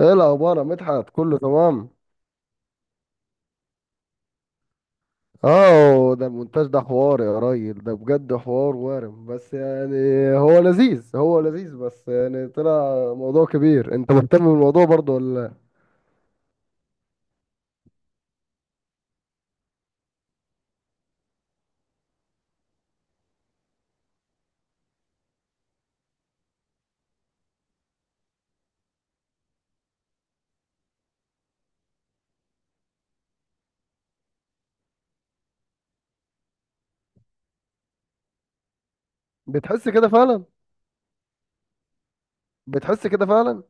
ايه الاخبار يا مدحت، كله تمام؟ اه، ده المونتاج ده حوار يا راجل، ده بجد حوار وارم، بس يعني هو لذيذ، هو لذيذ. بس يعني طلع موضوع كبير. انت مهتم بالموضوع برضه ولا لأ؟ بتحس كده فعلا؟ بتحس كده فعلا؟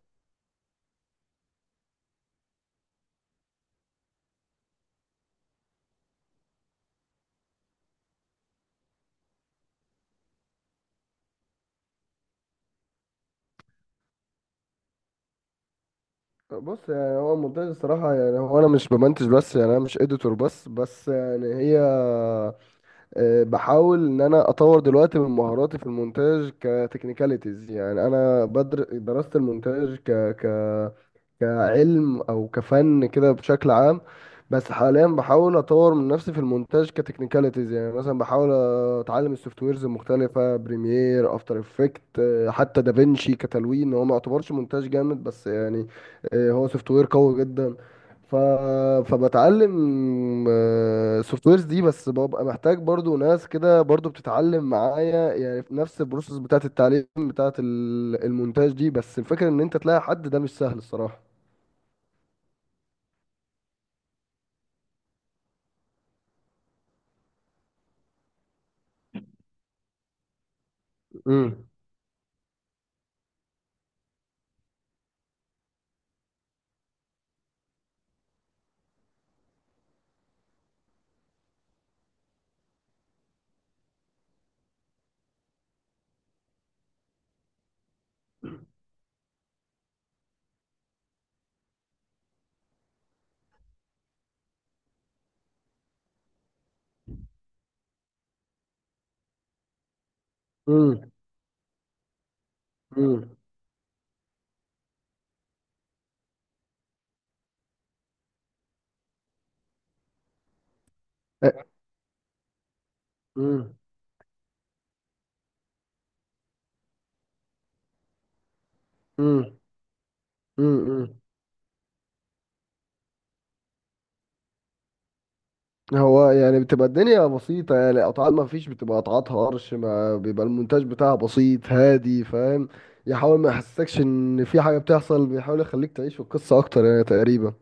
بص، يعني هو المونتاج الصراحة، يعني هو أنا مش بمنتج بس، يعني أنا مش إديتور بس يعني هي. بحاول إن أنا أطور دلوقتي من مهاراتي في المونتاج كتكنيكاليتيز. يعني أنا درست المونتاج ك ك كعلم او كفن كده بشكل عام. بس حاليا بحاول اطور من نفسي في المونتاج كتكنيكاليتيز، يعني مثلا بحاول اتعلم السوفت ويرز المختلفه، بريمير، افتر افكت، حتى دافينشي كتلوين. هو ما يعتبرش مونتاج جامد بس يعني، هو سوفت وير قوي جدا. ف... فبتعلم السوفت ويرز دي. بس ببقى محتاج برضو ناس كده برضو بتتعلم معايا، يعني في نفس البروسيس بتاعت التعليم بتاعت المونتاج دي. بس الفكرة ان انت تلاقي حد، ده مش سهل الصراحة. امم. امم. امم. امم. امم. امم. هو يعني بتبقى الدنيا بسيطة، يعني قطعات ما فيش، بتبقى قطعات هرش، ما بيبقى المونتاج بتاعها بسيط هادي، فاهم. يحاول ما يحسسكش ان في حاجة بتحصل، بيحاول يخليك تعيش في القصة اكتر يعني تقريبا.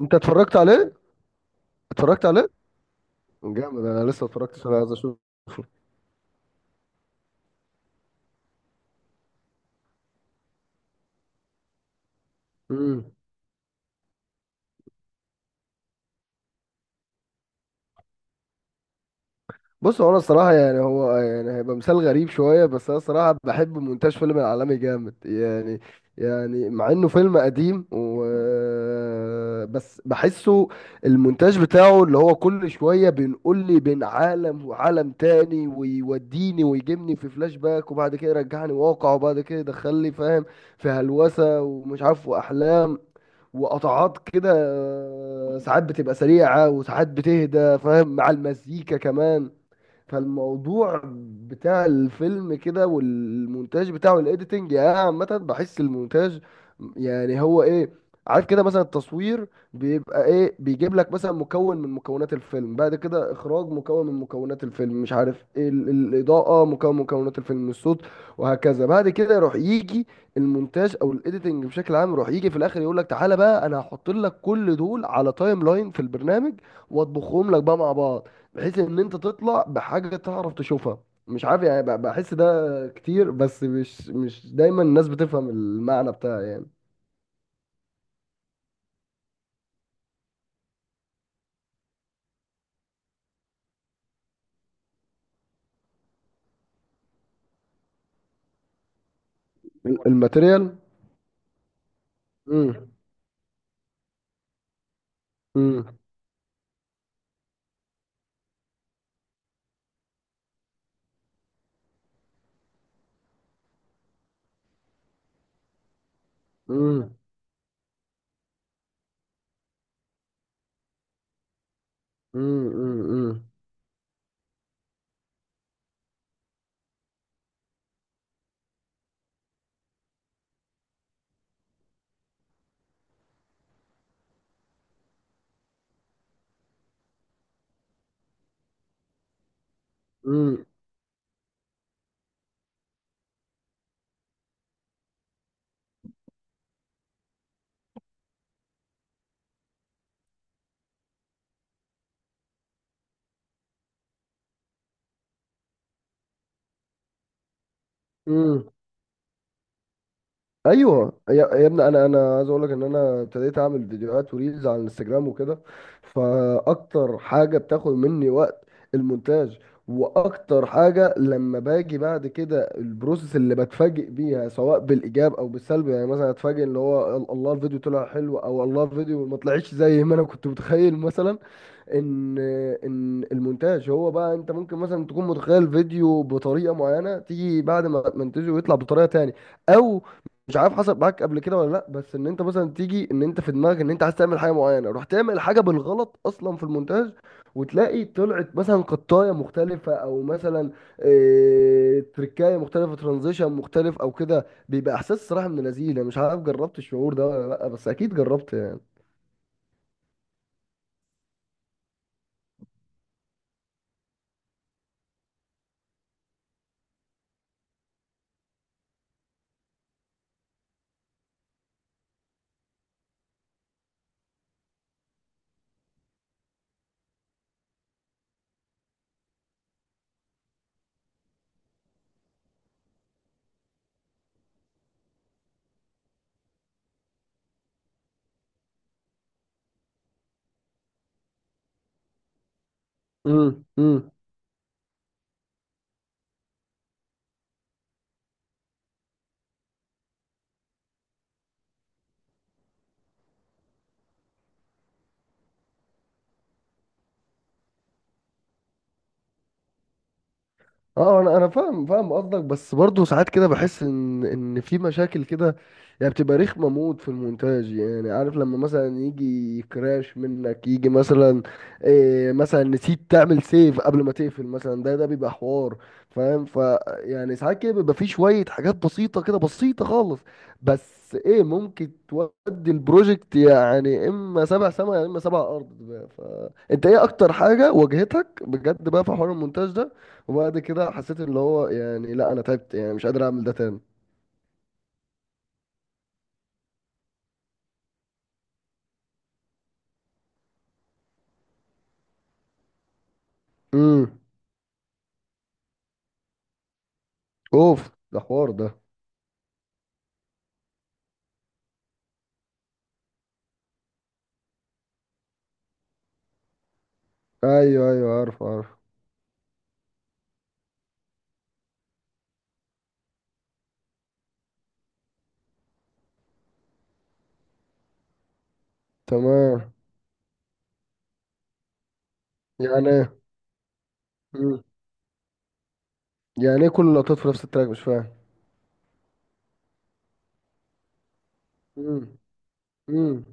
انت اتفرجت عليه؟ اتفرجت عليه؟ جامد، انا لسه اتفرجتش، انا عايز اشوفه. بص، هو انا الصراحه يعني هو يعني هيبقى مثال غريب شويه، بس انا الصراحه بحب مونتاج فيلم العالمي جامد يعني. يعني مع انه فيلم قديم و... بس بحسه المونتاج بتاعه، اللي هو كل شويه بينقل لي بين عالم وعالم تاني، ويوديني ويجيبني في فلاش باك، وبعد كده يرجعني واقع، وبعد كده يدخلني، فاهم، في هلوسه ومش عارف واحلام، وقطعات كده، ساعات بتبقى سريعه وساعات بتهدى، فاهم، مع المزيكا كمان. فالموضوع بتاع الفيلم كده والمونتاج بتاعه الايديتنج. يعني أنا عامة بحس المونتاج، يعني هو ايه، عارف كده مثلا التصوير بيبقى ايه، بيجيب لك مثلا مكون من مكونات الفيلم، بعد كده اخراج مكون من مكونات الفيلم، مش عارف ايه الاضاءة مكون من مكونات الفيلم، الصوت، وهكذا. بعد كده يروح يجي المونتاج او الايديتنج بشكل عام، يروح يجي في الاخر يقول لك، تعالى بقى انا هحط لك كل دول على تايم لاين في البرنامج، واطبخهم لك بقى مع بعض، بحيث ان انت تطلع بحاجه تعرف تشوفها، مش عارف يعني، بحس ده كتير، بس مش دايما الناس بتفهم المعنى بتاعه يعني. الماتيريال. امم. امم. امم. امم. امم. ايوه يا ابني، انا عايز اقول لك ان انا ابتديت اعمل فيديوهات وريلز على الانستجرام وكده، فاكتر حاجه بتاخد مني وقت المونتاج. واكتر حاجه لما باجي بعد كده البروسيس اللي بتفاجئ بيها، سواء بالايجاب او بالسلب. يعني مثلا اتفاجئ ان هو الله الفيديو طلع حلو، او الله الفيديو ما طلعش زي ما انا كنت متخيل مثلا. ان ان المونتاج هو بقى، انت ممكن مثلا تكون متخيل فيديو بطريقه معينه، تيجي بعد ما منتجه ويطلع بطريقه تاني. او مش عارف حصل معاك قبل كده ولا لا، بس ان انت مثلا تيجي ان انت في دماغك ان انت عايز تعمل حاجه معينه، رحت تعمل حاجه بالغلط اصلا في المونتاج، وتلاقي طلعت مثلا قطايه مختلفه، او مثلا إيه، تركايه مختلفه، ترانزيشن مختلف او كده. بيبقى احساس صراحه من لذيذ، مش عارف جربت الشعور ده ولا لا، بس اكيد جربت يعني. امم. اه، انا فاهم فاهم قصدك. بس برضه ساعات كده بحس ان في مشاكل كده، يعني بتبقى رخمه موت في المونتاج، يعني عارف لما مثلا يجي كراش منك، يجي مثلا إيه، مثلا نسيت تعمل سيف قبل ما تقفل مثلا، ده بيبقى حوار، فاهم. يعني ساعات كده بيبقى في شويه حاجات بسيطه كده، بسيطه خالص، بس ايه، ممكن تودي البروجكت. يعني اما سبع سما يا اما سبع ارض بقى. انت ايه اكتر حاجه واجهتك بجد بقى في حوار المونتاج ده؟ وبعد كده حسيت اللي هو يعني، لا انا تعبت، يعني مش قادر اعمل ده تاني. امم. اوف. ده حوار ده. ايوه، ايوه، عارف عارف. تمام. يعني ايه؟ مم. يعني ايه كل اللقطات في نفس التراك؟ مش فاهم. امم. امم.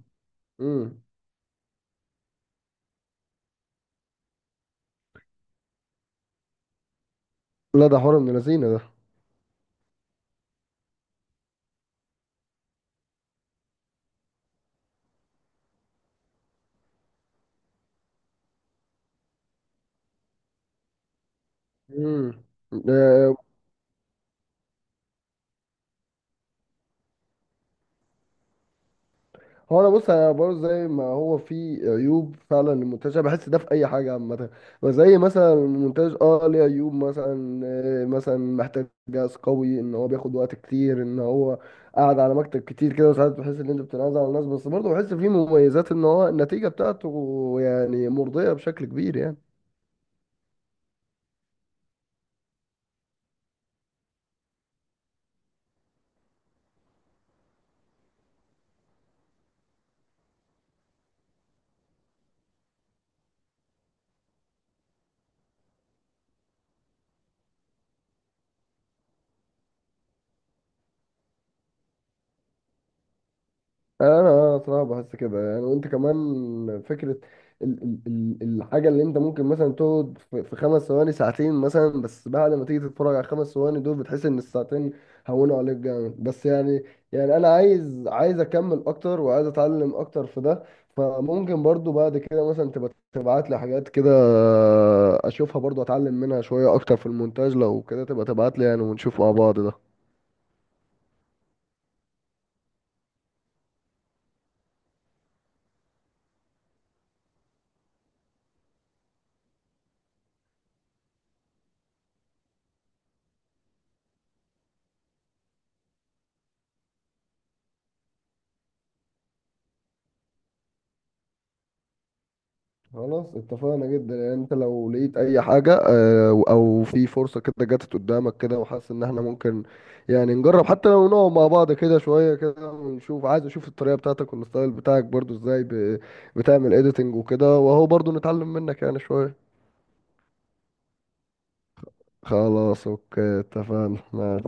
امم. لا، ده حوار من اللذينه ده. امم. هو انا بص، انا برضه زي ما هو في عيوب فعلا للمونتاج، انا بحس ده في اي حاجه عامه. وزي مثلا المونتاج، اه ليه عيوب مثلا، مثلا محتاج جهاز قوي، ان هو بياخد وقت كتير، ان هو قاعد على مكتب كتير كده، وساعات بتحس ان انت بتنازل على الناس. بس برضه بحس فيه مميزات، ان هو النتيجه بتاعته يعني مرضيه بشكل كبير يعني. انا صراحه بحس كده يعني. وانت كمان فكره ال الحاجه، اللي انت ممكن مثلا تقعد في 5 ثواني، ساعتين مثلا، بس بعد ما تيجي تتفرج على الـ5 ثواني دول، بتحس ان الساعتين هونوا عليك جامد. بس يعني، يعني انا عايز اكمل اكتر، وعايز اتعلم اكتر في ده. فممكن برضو بعد كده مثلا تبقى تبعت لي حاجات كده، اشوفها برضو اتعلم منها شويه اكتر في المونتاج. لو كده تبقى تبعت لي يعني، ونشوف مع بعض ده. خلاص اتفقنا جدا يعني. انت لو لقيت اي حاجة، او في فرصة كده جاتت قدامك كده، وحاسس ان احنا ممكن يعني نجرب، حتى لو نقعد مع بعض كده شوية كده ونشوف. عايز اشوف الطريقة بتاعتك والستايل بتاعك برضو، ازاي بتعمل اديتنج وكده، واهو برضو نتعلم منك يعني شوية. خلاص، اوكي، اتفقنا.